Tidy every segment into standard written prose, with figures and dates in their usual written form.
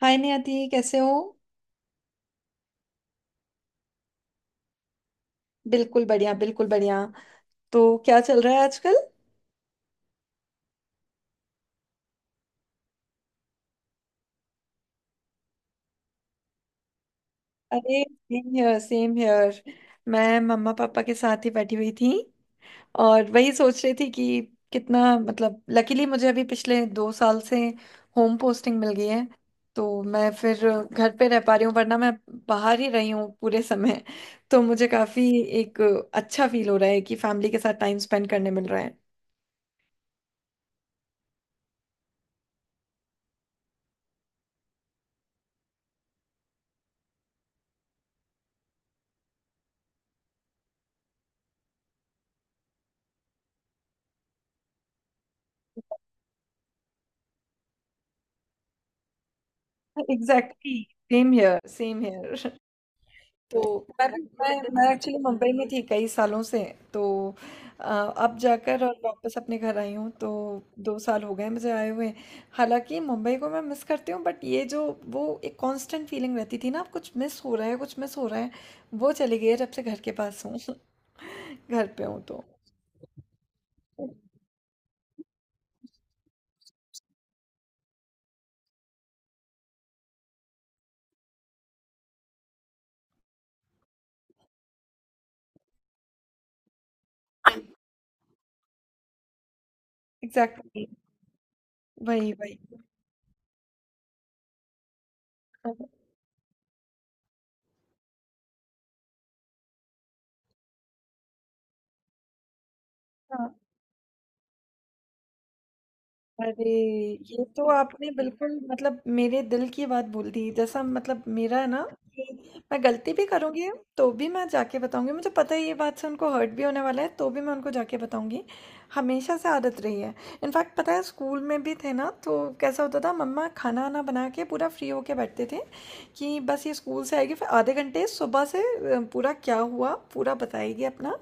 हाय नियति, कैसे हो। बिल्कुल बढ़िया, बिल्कुल बढ़िया। तो क्या चल रहा है आजकल। अरे सेम हियर, सेम हियर। मैं मम्मा पापा के साथ ही बैठी हुई थी और वही सोच रही थी कि कितना मतलब लकीली मुझे अभी पिछले 2 साल से होम पोस्टिंग मिल गई है। तो मैं फिर घर पे रह पा रही हूँ, वरना मैं बाहर ही रही हूँ पूरे समय। तो मुझे काफी एक अच्छा फील हो रहा है कि फैमिली के साथ टाइम स्पेंड करने मिल रहा है। Exactly, same here, same here. तो मैं भी मैं एक्चुअली मुंबई में थी कई सालों से। तो अब जाकर और वापस अपने घर आई हूँ, तो 2 साल हो गए मुझे आए हुए। हालांकि मुंबई को मैं मिस करती हूँ, बट ये जो वो एक कांस्टेंट फीलिंग रहती थी ना आप, कुछ मिस हो रहा है, कुछ मिस हो रहा है, वो चली गई है जब से घर के पास हूँ। घर पे हूँ तो एग्जैक्टली, exactly। वही, वही। हाँ। अरे! ये तो आपने बिल्कुल मतलब मेरे दिल की बात बोल दी। जैसा मतलब मेरा है ना कि मैं गलती भी करूँगी तो भी मैं जाके बताऊँगी। मुझे पता है ये बात से उनको हर्ट भी होने वाला है, तो भी मैं उनको जाके बताऊँगी। हमेशा से आदत रही है। इनफैक्ट पता है स्कूल में भी थे ना, तो कैसा होता था, मम्मा खाना-वाना बना के पूरा फ्री होके बैठते थे कि बस ये स्कूल से आएगी फिर आधे घंटे सुबह से पूरा क्या हुआ पूरा बताएगी अपना।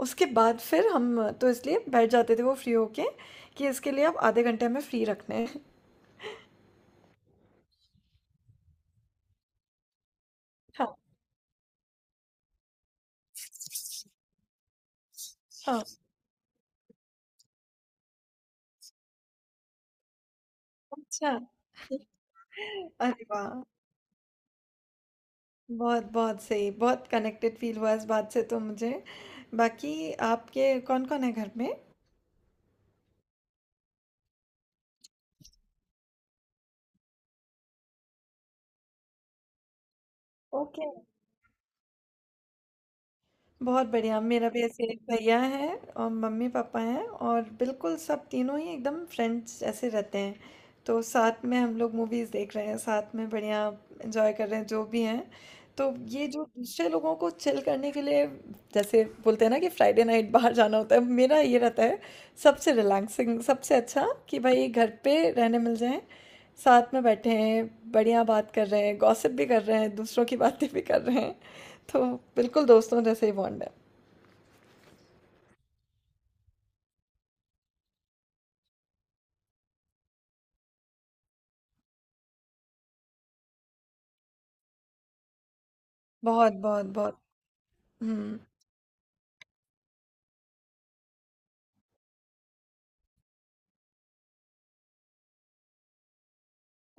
उसके बाद फिर हम तो इसलिए बैठ जाते थे वो फ्री होके कि इसके लिए अब आधे घंटे हमें फ्री रखने हैं। हाँ, हाँ, अच्छा। अरे वाह! बहुत, बहुत सही, बहुत कनेक्टेड फील हुआ इस बात से तो मुझे। बाकी आपके कौन-कौन है घर में? ओके, बहुत बढ़िया। मेरा भी ऐसे एक भैया है और मम्मी-पापा हैं और बिल्कुल सब तीनों ही एकदम फ्रेंड्स जैसे रहते हैं। तो साथ में हम लोग मूवीज़ देख रहे हैं, साथ में बढ़िया एन्जॉय कर रहे हैं जो भी हैं। तो ये जो दूसरे लोगों को चिल करने के लिए जैसे बोलते हैं ना कि फ्राइडे नाइट बाहर जाना होता है, मेरा ये रहता है सबसे रिलैक्सिंग, सबसे अच्छा कि भाई घर पे रहने मिल जाएं, साथ में बैठे हैं, बढ़िया बात कर रहे हैं, गॉसिप भी कर रहे हैं, दूसरों की बातें भी कर रहे हैं। तो बिल्कुल दोस्तों जैसे ही बॉन्ड है। बहुत, बहुत, बहुत। हम्म।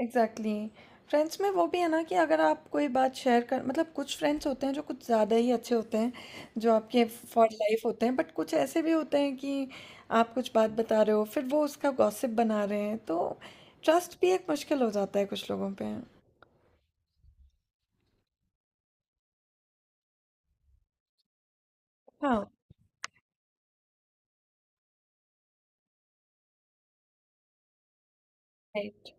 Exactly, exactly। फ्रेंड्स में वो भी है ना कि अगर आप कोई बात शेयर कर, मतलब कुछ फ्रेंड्स होते हैं जो कुछ ज़्यादा ही अच्छे होते हैं, जो आपके फॉर लाइफ होते हैं, बट कुछ ऐसे भी होते हैं कि आप कुछ बात बता रहे हो फिर वो उसका गॉसिप बना रहे हैं, तो ट्रस्ट भी एक मुश्किल हो जाता है कुछ लोगों पे। हाँ, राइट।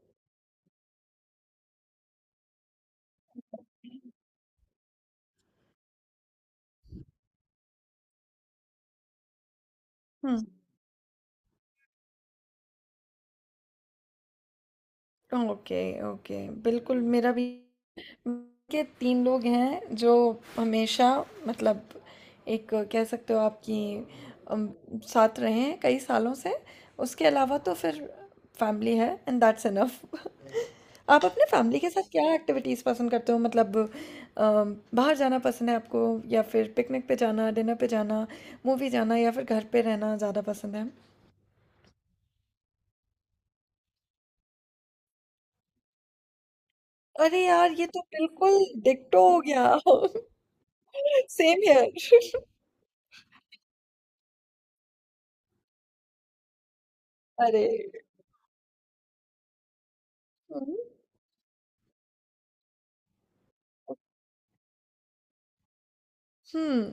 हम्म। Okay, okay. बिल्कुल, मेरा भी के तीन लोग हैं जो हमेशा मतलब एक कह सकते हो आपकी अम, साथ रहे हैं कई सालों से। उसके अलावा तो फिर फैमिली है एंड दैट्स इनफ। आप अपने फैमिली के साथ क्या एक्टिविटीज़ पसंद करते हो, मतलब बाहर जाना पसंद है आपको, या फिर पिकनिक पे जाना, डिनर पे जाना, मूवी जाना, या फिर घर पे रहना ज़्यादा पसंद है? अरे यार, ये तो बिल्कुल डिक्टो हो गया। Same here. अरे। हम्म, हम्म।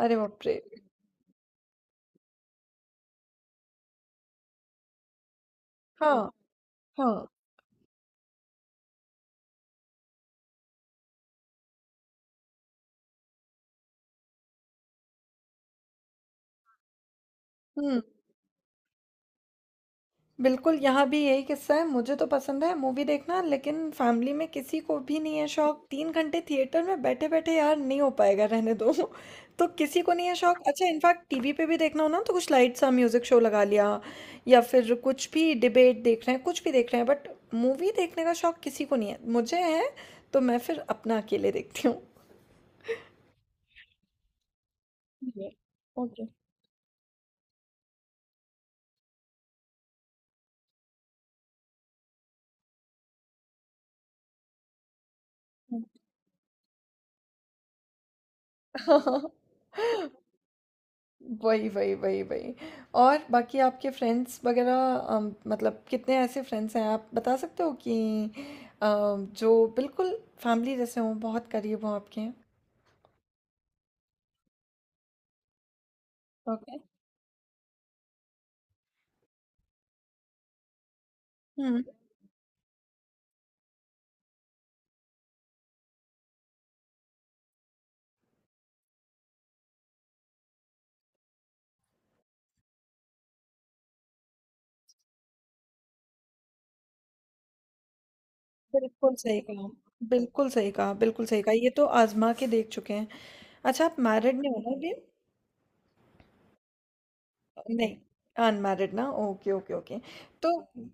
अरे बाप रे। हाँ, हाँ। हम्म। बिल्कुल, यहाँ भी यही किस्सा है, मुझे तो पसंद है मूवी देखना, लेकिन फैमिली में किसी को भी नहीं है शौक। 3 घंटे थिएटर में बैठे बैठे, यार नहीं हो पाएगा, रहने दो। तो किसी को नहीं है शौक। अच्छा, इनफैक्ट टीवी पे भी देखना हो ना, तो कुछ लाइट सा म्यूजिक शो लगा लिया, या फिर कुछ भी डिबेट देख रहे हैं, कुछ भी देख रहे हैं, बट मूवी देखने का शौक किसी को नहीं है। मुझे है, तो मैं फिर अपना अकेले देखती हूँ। ओके। वही, वही, वही, वही। और बाकी आपके फ्रेंड्स वगैरह, मतलब कितने ऐसे फ्रेंड्स हैं आप बता सकते हो कि जो बिल्कुल फैमिली जैसे हों, बहुत करीब हों आपके। ओके। हुँ। बिल्कुल सही कहा, बिल्कुल सही कहा, बिल्कुल सही कहा, ये तो आजमा के देख चुके हैं। अच्छा, आप मैरिड नहीं हो ना अभी? नहीं, अनमैरिड ना, ओके, ओके, ओके। तो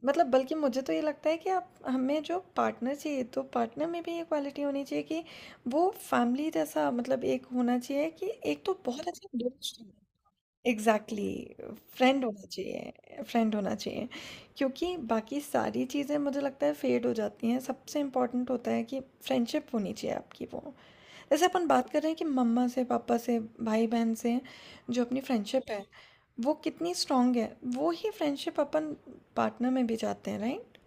मतलब बल्कि मुझे तो ये लगता है कि आप, हमें जो पार्टनर चाहिए तो पार्टनर में भी ये क्वालिटी होनी चाहिए कि वो फैमिली जैसा, मतलब एक होना चाहिए कि एक तो बहुत अच्छा दोस्त होना। एग्जैक्टली। फ्रेंड होना चाहिए, फ्रेंड होना चाहिए, क्योंकि बाकी सारी चीज़ें मुझे लगता है फेड हो जाती हैं, सबसे इम्पोर्टेंट होता है कि फ्रेंडशिप होनी चाहिए आपकी। वो जैसे अपन बात कर रहे हैं कि मम्मा से, पापा से, भाई बहन से जो अपनी फ्रेंडशिप है वो कितनी स्ट्रांग है, वो ही फ्रेंडशिप अपन पार्टनर में भी चाहते हैं, राइट।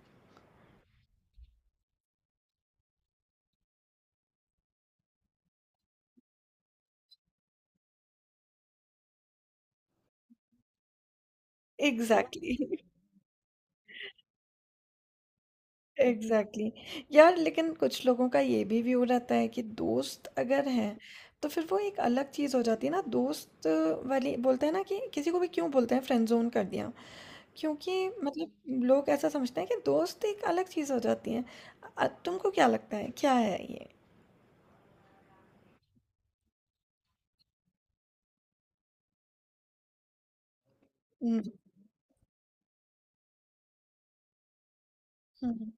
एग्जैक्टली। एग्जैक्टली। यार, लेकिन कुछ लोगों का ये भी व्यू रहता है कि दोस्त अगर हैं तो फिर वो एक अलग चीज़ हो जाती है ना, दोस्त वाली बोलते हैं ना कि किसी को भी क्यों बोलते हैं फ्रेंड जोन कर दिया, क्योंकि मतलब लोग ऐसा समझते हैं कि दोस्त एक अलग चीज़ हो जाती है। तुमको क्या लगता है, क्या है ये? हम्म। हम्म।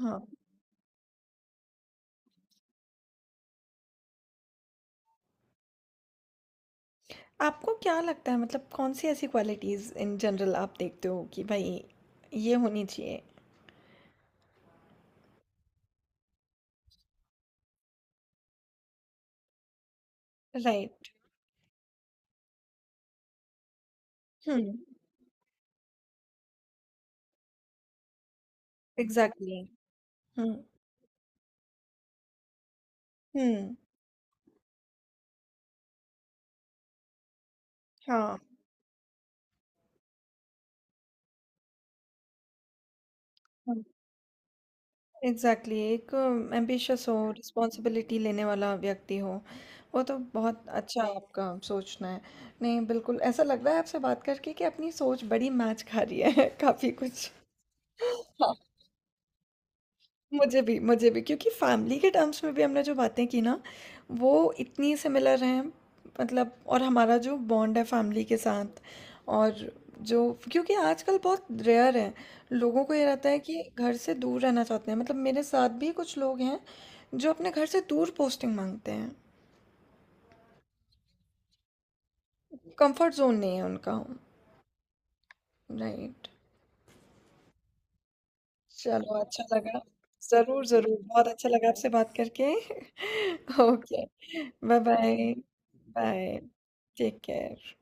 हाँ। आपको क्या लगता है, मतलब कौन-सी ऐसी क्वालिटीज़ इन जनरल आप देखते हो कि भई ये होनी चाहिए? राइट। हुँ। एग्ज़ैक्टली। हुँ। हुँ। हाँ। हाँ। एग्ज़ैक्टली, एक एम्बिशियस हो, रिस्पॉन्सिबिलिटी लेने वाला व्यक्ति हो, वो तो बहुत अच्छा आपका सोचना है। नहीं बिल्कुल, ऐसा लग रहा है आपसे बात करके कि अपनी सोच बड़ी मैच खा रही है, काफ़ी कुछ। मुझे भी, मुझे भी, क्योंकि फैमिली के टर्म्स में भी हमने जो बातें की ना वो इतनी सिमिलर हैं, मतलब, और हमारा जो बॉन्ड है फैमिली के साथ, और जो, क्योंकि आजकल बहुत रेयर है, लोगों को ये रहता है कि घर से दूर रहना चाहते हैं। मतलब मेरे साथ भी कुछ लोग हैं जो अपने घर से दूर पोस्टिंग मांगते हैं, कंफर्ट जोन नहीं है उनका। राइट। चलो, अच्छा लगा। ज़रूर, ज़रूर, बहुत अच्छा लगा आपसे बात करके। Okay, bye bye. Bye, bye, take care.